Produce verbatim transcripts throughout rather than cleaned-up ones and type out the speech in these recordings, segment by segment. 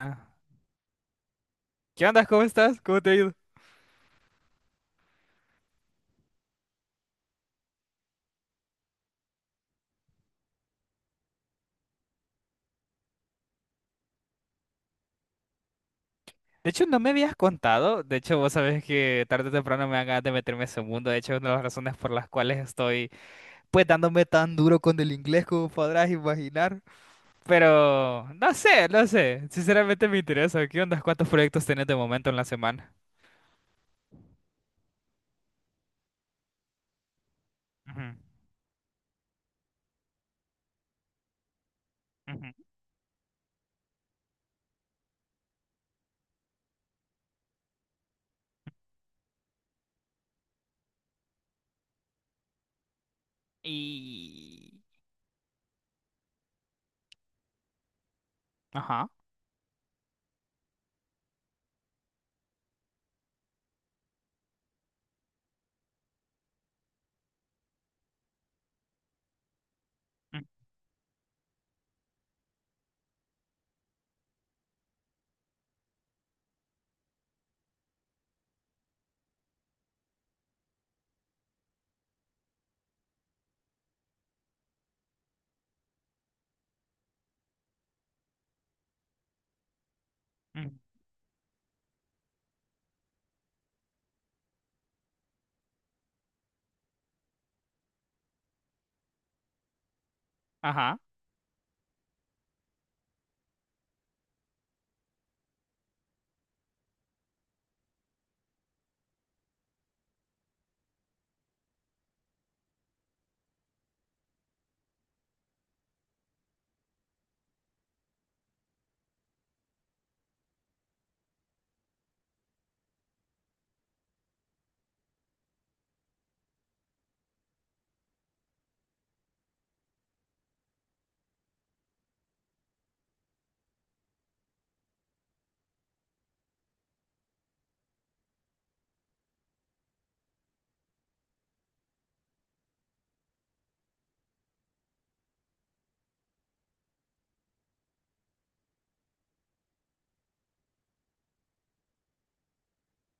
Ah, ¿qué onda? ¿Cómo estás? ¿Cómo te ha ido? De hecho, no me habías contado. De hecho, vos sabés que tarde o temprano me dan ganas de meterme en ese mundo. De hecho, es una de las razones por las cuales estoy, pues, dándome tan duro con el inglés como podrás imaginar. Pero, no sé, no sé. Sinceramente me interesa. ¿Qué onda? ¿Cuántos proyectos tenés de momento en la semana? Ujú, ujú. Y... Ajá. Mm, mm, ajá.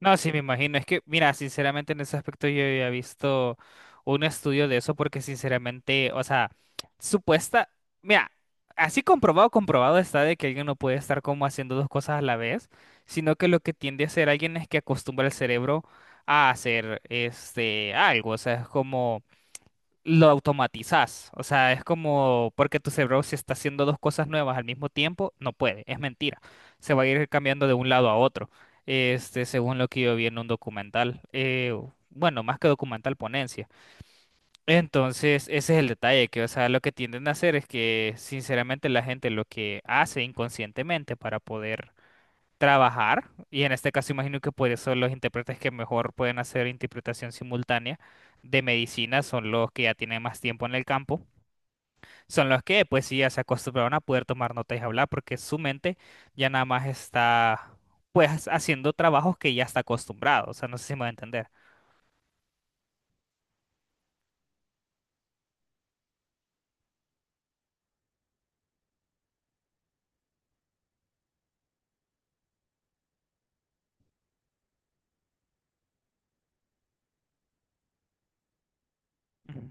No, sí, me imagino. Es que, mira, sinceramente en ese aspecto yo había visto un estudio de eso porque sinceramente, o sea, supuesta, mira, así comprobado, comprobado está de que alguien no puede estar como haciendo dos cosas a la vez, sino que lo que tiende a hacer alguien es que acostumbra el cerebro a hacer este algo, o sea, es como lo automatizás. O sea, es como porque tu cerebro, si está haciendo dos cosas nuevas al mismo tiempo, no puede, es mentira. Se va a ir cambiando de un lado a otro, este, según lo que yo vi en un documental. Eh, bueno, más que documental, ponencia. Entonces, ese es el detalle, que, o sea, lo que tienden a hacer es que, sinceramente, la gente lo que hace inconscientemente para poder trabajar, y en este caso imagino que por eso los intérpretes que mejor pueden hacer interpretación simultánea de medicina son los que ya tienen más tiempo en el campo, son los que pues sí ya se acostumbraron a poder tomar notas y hablar porque su mente ya nada más está pues haciendo trabajos que ya está acostumbrado, o sea, no sé si me va a entender. Ujú.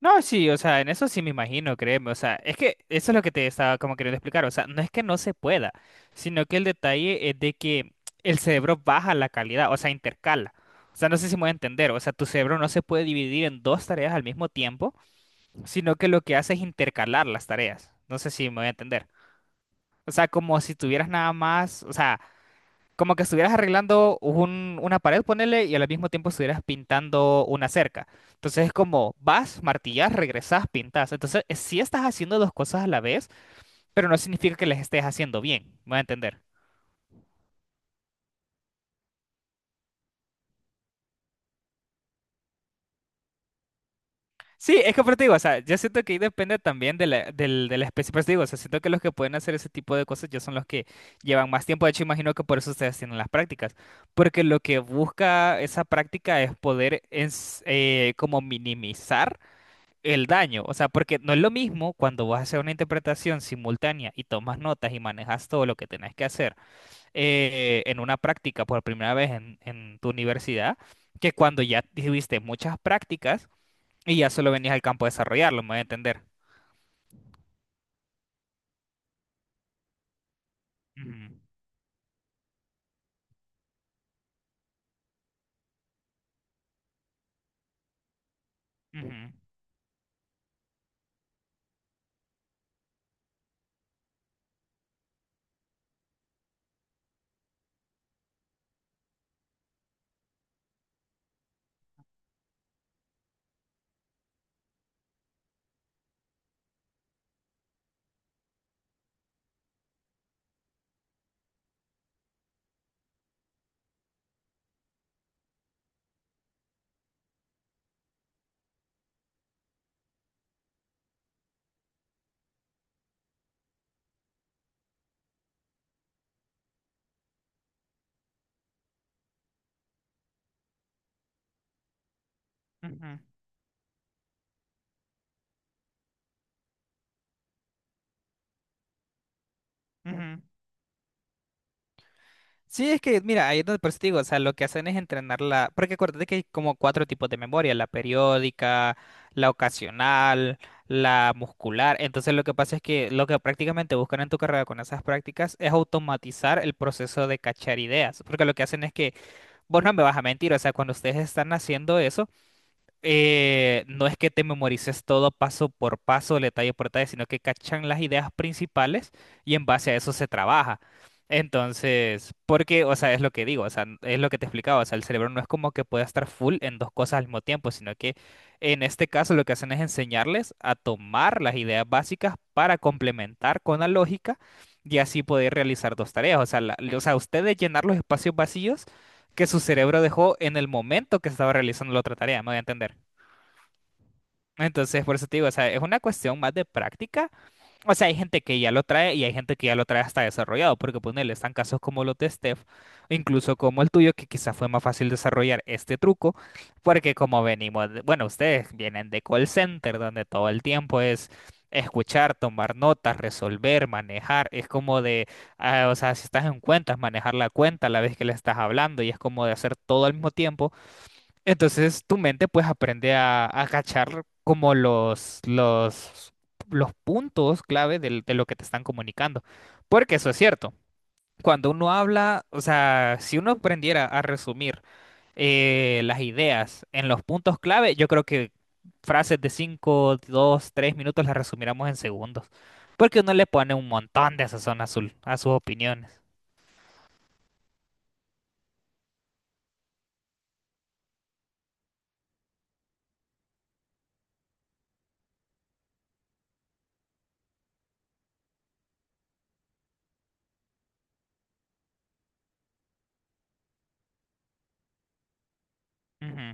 No, sí, o sea, en eso sí me imagino, créeme, o sea, es que eso es lo que te estaba como queriendo explicar, o sea, no es que no se pueda, sino que el detalle es de que el cerebro baja la calidad, o sea, intercala, o sea, no sé si me voy a entender, o sea, tu cerebro no se puede dividir en dos tareas al mismo tiempo, sino que lo que hace es intercalar las tareas, no sé si me voy a entender, o sea, como si tuvieras nada más, o sea, como que estuvieras arreglando un- una pared, ponele, y al mismo tiempo estuvieras pintando una cerca. Entonces es como vas, martillas, regresas, pintas. Entonces eh, sí estás haciendo dos cosas a la vez, pero no significa que las estés haciendo bien. ¿Me voy a entender? Sí, es que por eso te digo, o sea, yo siento que ahí depende también de la, del- de la especie. Por eso te digo, o sea, siento que los que pueden hacer ese tipo de cosas ya son los que llevan más tiempo. De hecho, imagino que por eso ustedes tienen las prácticas. Porque lo que busca esa práctica es poder, ens- eh, como minimizar el daño, o sea, porque no es lo mismo cuando vas a hacer una interpretación simultánea y tomas notas y manejas todo lo que tenés que hacer eh, en una práctica por primera vez en, en tu universidad, que cuando ya tuviste muchas prácticas y ya solo venías al campo a desarrollarlo, me voy a entender. Ujú, ujú, ujú, ujú. Sí, es que, mira, ahí es donde por eso te digo, o sea, lo que hacen es entrenarla, porque acuérdate que hay como cuatro tipos de memoria: la periódica, la ocasional, la muscular. Entonces lo que pasa es que lo que prácticamente buscan en tu carrera con esas prácticas es automatizar el proceso de cachar ideas, porque lo que hacen es que, vos no me vas a mentir, o sea, cuando ustedes están haciendo eso, eh, no es que te memorices todo paso por paso, detalle por detalle, sino que cachan las ideas principales y en base a eso se trabaja. Entonces, porque, o sea, es lo que digo, o sea, n- es lo que te explicaba, o sea, el cerebro no es como que pueda estar full en dos cosas al mismo tiempo, sino que en este caso lo que hacen es enseñarles a tomar las ideas básicas para complementar con la lógica y así poder realizar dos tareas, o sea, la- o sea, ustedes llenar los espacios vacíos que su cerebro dejó en el momento que estaba realizando la otra tarea, me voy a entender. Entonces, por eso te digo, o sea, es una cuestión más de práctica. O sea, hay gente que ya lo trae y hay gente que ya lo trae hasta desarrollado, porque ponele, están casos como los de Steph, incluso como el tuyo, que quizás fue más fácil desarrollar este truco, porque como venimos, de- bueno, ustedes vienen de call center, donde todo el tiempo es escuchar, tomar notas, resolver, manejar, es como de, ah, o sea, si estás en cuentas, manejar la cuenta a la vez que le estás hablando y es como de hacer todo al mismo tiempo. Entonces tu mente pues aprende a, a cachar como los, los, los puntos clave del- de, lo que te están comunicando. Porque eso es cierto. Cuando uno habla, o sea, si uno aprendiera a resumir eh, las ideas en los puntos clave, yo creo que frases de cinco dos tres minutos las resumiríamos en segundos. Porque uno le pone un montón de sazón azul a sus opiniones. Ujú.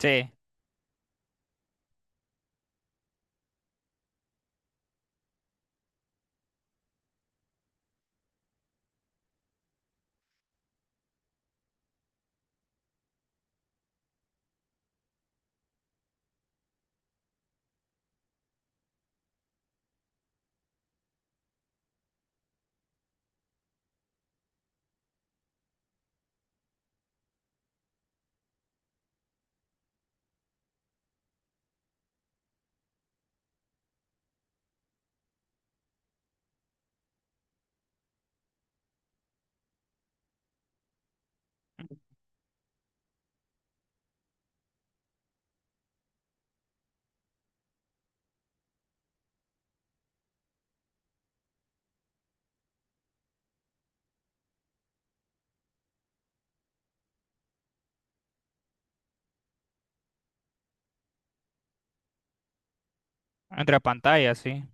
Sí, entre pantallas, sí.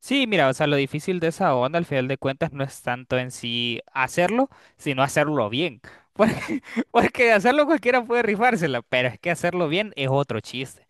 Sí, mira, o sea, lo difícil de esa onda al final de cuentas no es tanto en sí hacerlo, sino hacerlo bien. Porque, porque hacerlo cualquiera puede rifársela, pero es que hacerlo bien es otro chiste.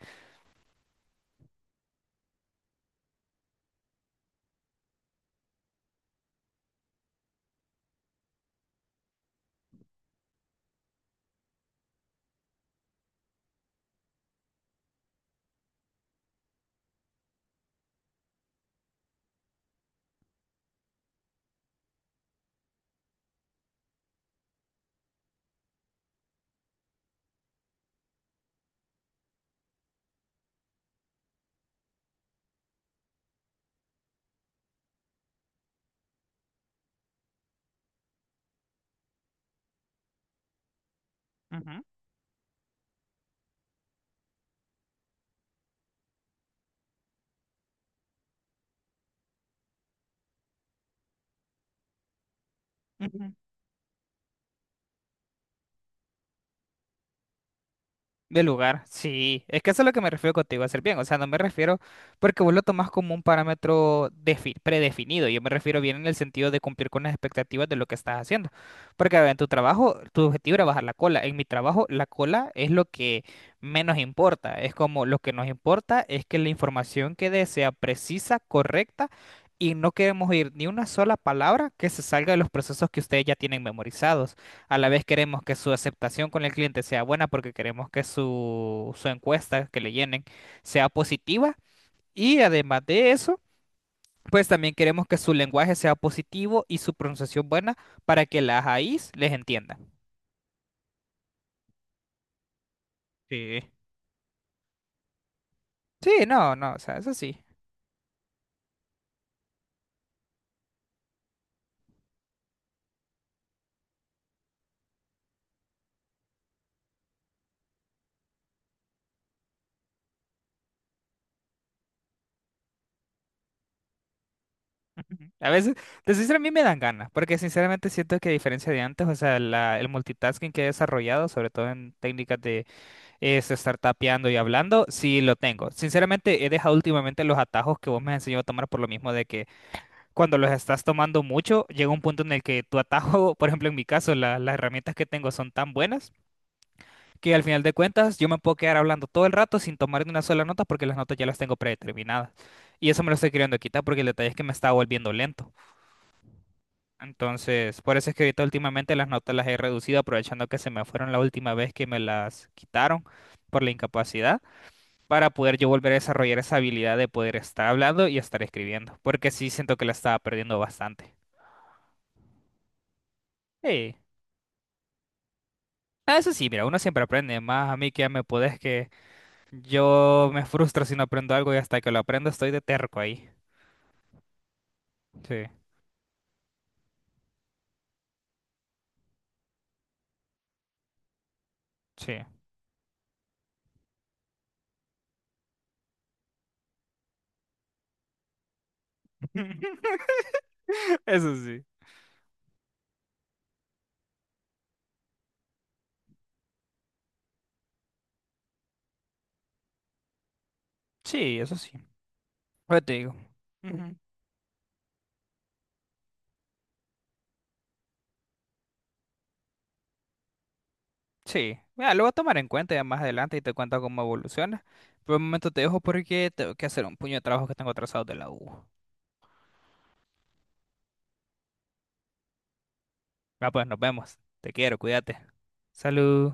Ujú, ujú. De lugar, sí. Es que eso es lo que me refiero contigo, hacer bien. O sea, no me refiero porque vos lo tomás como un parámetro defi- predefinido. Yo me refiero bien en el sentido de cumplir con las expectativas de lo que estás haciendo. Porque a ver, en tu trabajo, tu objetivo era bajar la cola. En mi trabajo, la cola es lo que menos importa. Es como lo que nos importa es que la información que dé sea precisa, correcta. Y no queremos oír ni una sola palabra que se salga de los procesos que ustedes ya tienen memorizados. A la vez queremos que su aceptación con el cliente sea buena porque queremos que su, su encuesta que le llenen sea positiva. Y además de eso, pues también queremos que su lenguaje sea positivo y su pronunciación buena para que las A Is les entienda. Sí. Sí, no, no, o sea, eso sí. Ujú. A veces, de sincero, a mí me dan ganas, porque sinceramente siento que a diferencia de antes, o sea, la- el multitasking que he desarrollado, sobre todo en técnicas de es estar tapeando y hablando, sí lo tengo. Sinceramente, he dejado últimamente los atajos que vos me has enseñado a tomar por lo mismo de que cuando los estás tomando mucho, llega un punto en el que tu atajo, por ejemplo, en mi caso, la- las herramientas que tengo son tan buenas que al final de cuentas yo me puedo quedar hablando todo el rato sin tomar ni una sola nota porque las notas ya las tengo predeterminadas. Y eso me lo estoy queriendo quitar porque el detalle es que me estaba volviendo lento. Entonces, por eso es que ahorita últimamente las notas las he reducido aprovechando que se me fueron la última vez que me las quitaron por la incapacidad, para poder yo volver a desarrollar esa habilidad de poder estar hablando y estar escribiendo, porque sí siento que la estaba perdiendo bastante. Sí. Ah, eso sí, mira, uno siempre aprende, más a mí que ya me podés que yo me frustro si no aprendo algo y hasta que lo aprendo estoy de terco ahí. Sí, sí. Eso sí. Sí, eso sí. Yo te digo. Ujú. Sí. Mira, lo voy a tomar en cuenta ya más adelante y te cuento cómo evoluciona. Por el momento te dejo porque tengo que hacer un puño de trabajo que tengo atrasado de la U. Va, pues nos vemos. Te quiero, cuídate. Salud.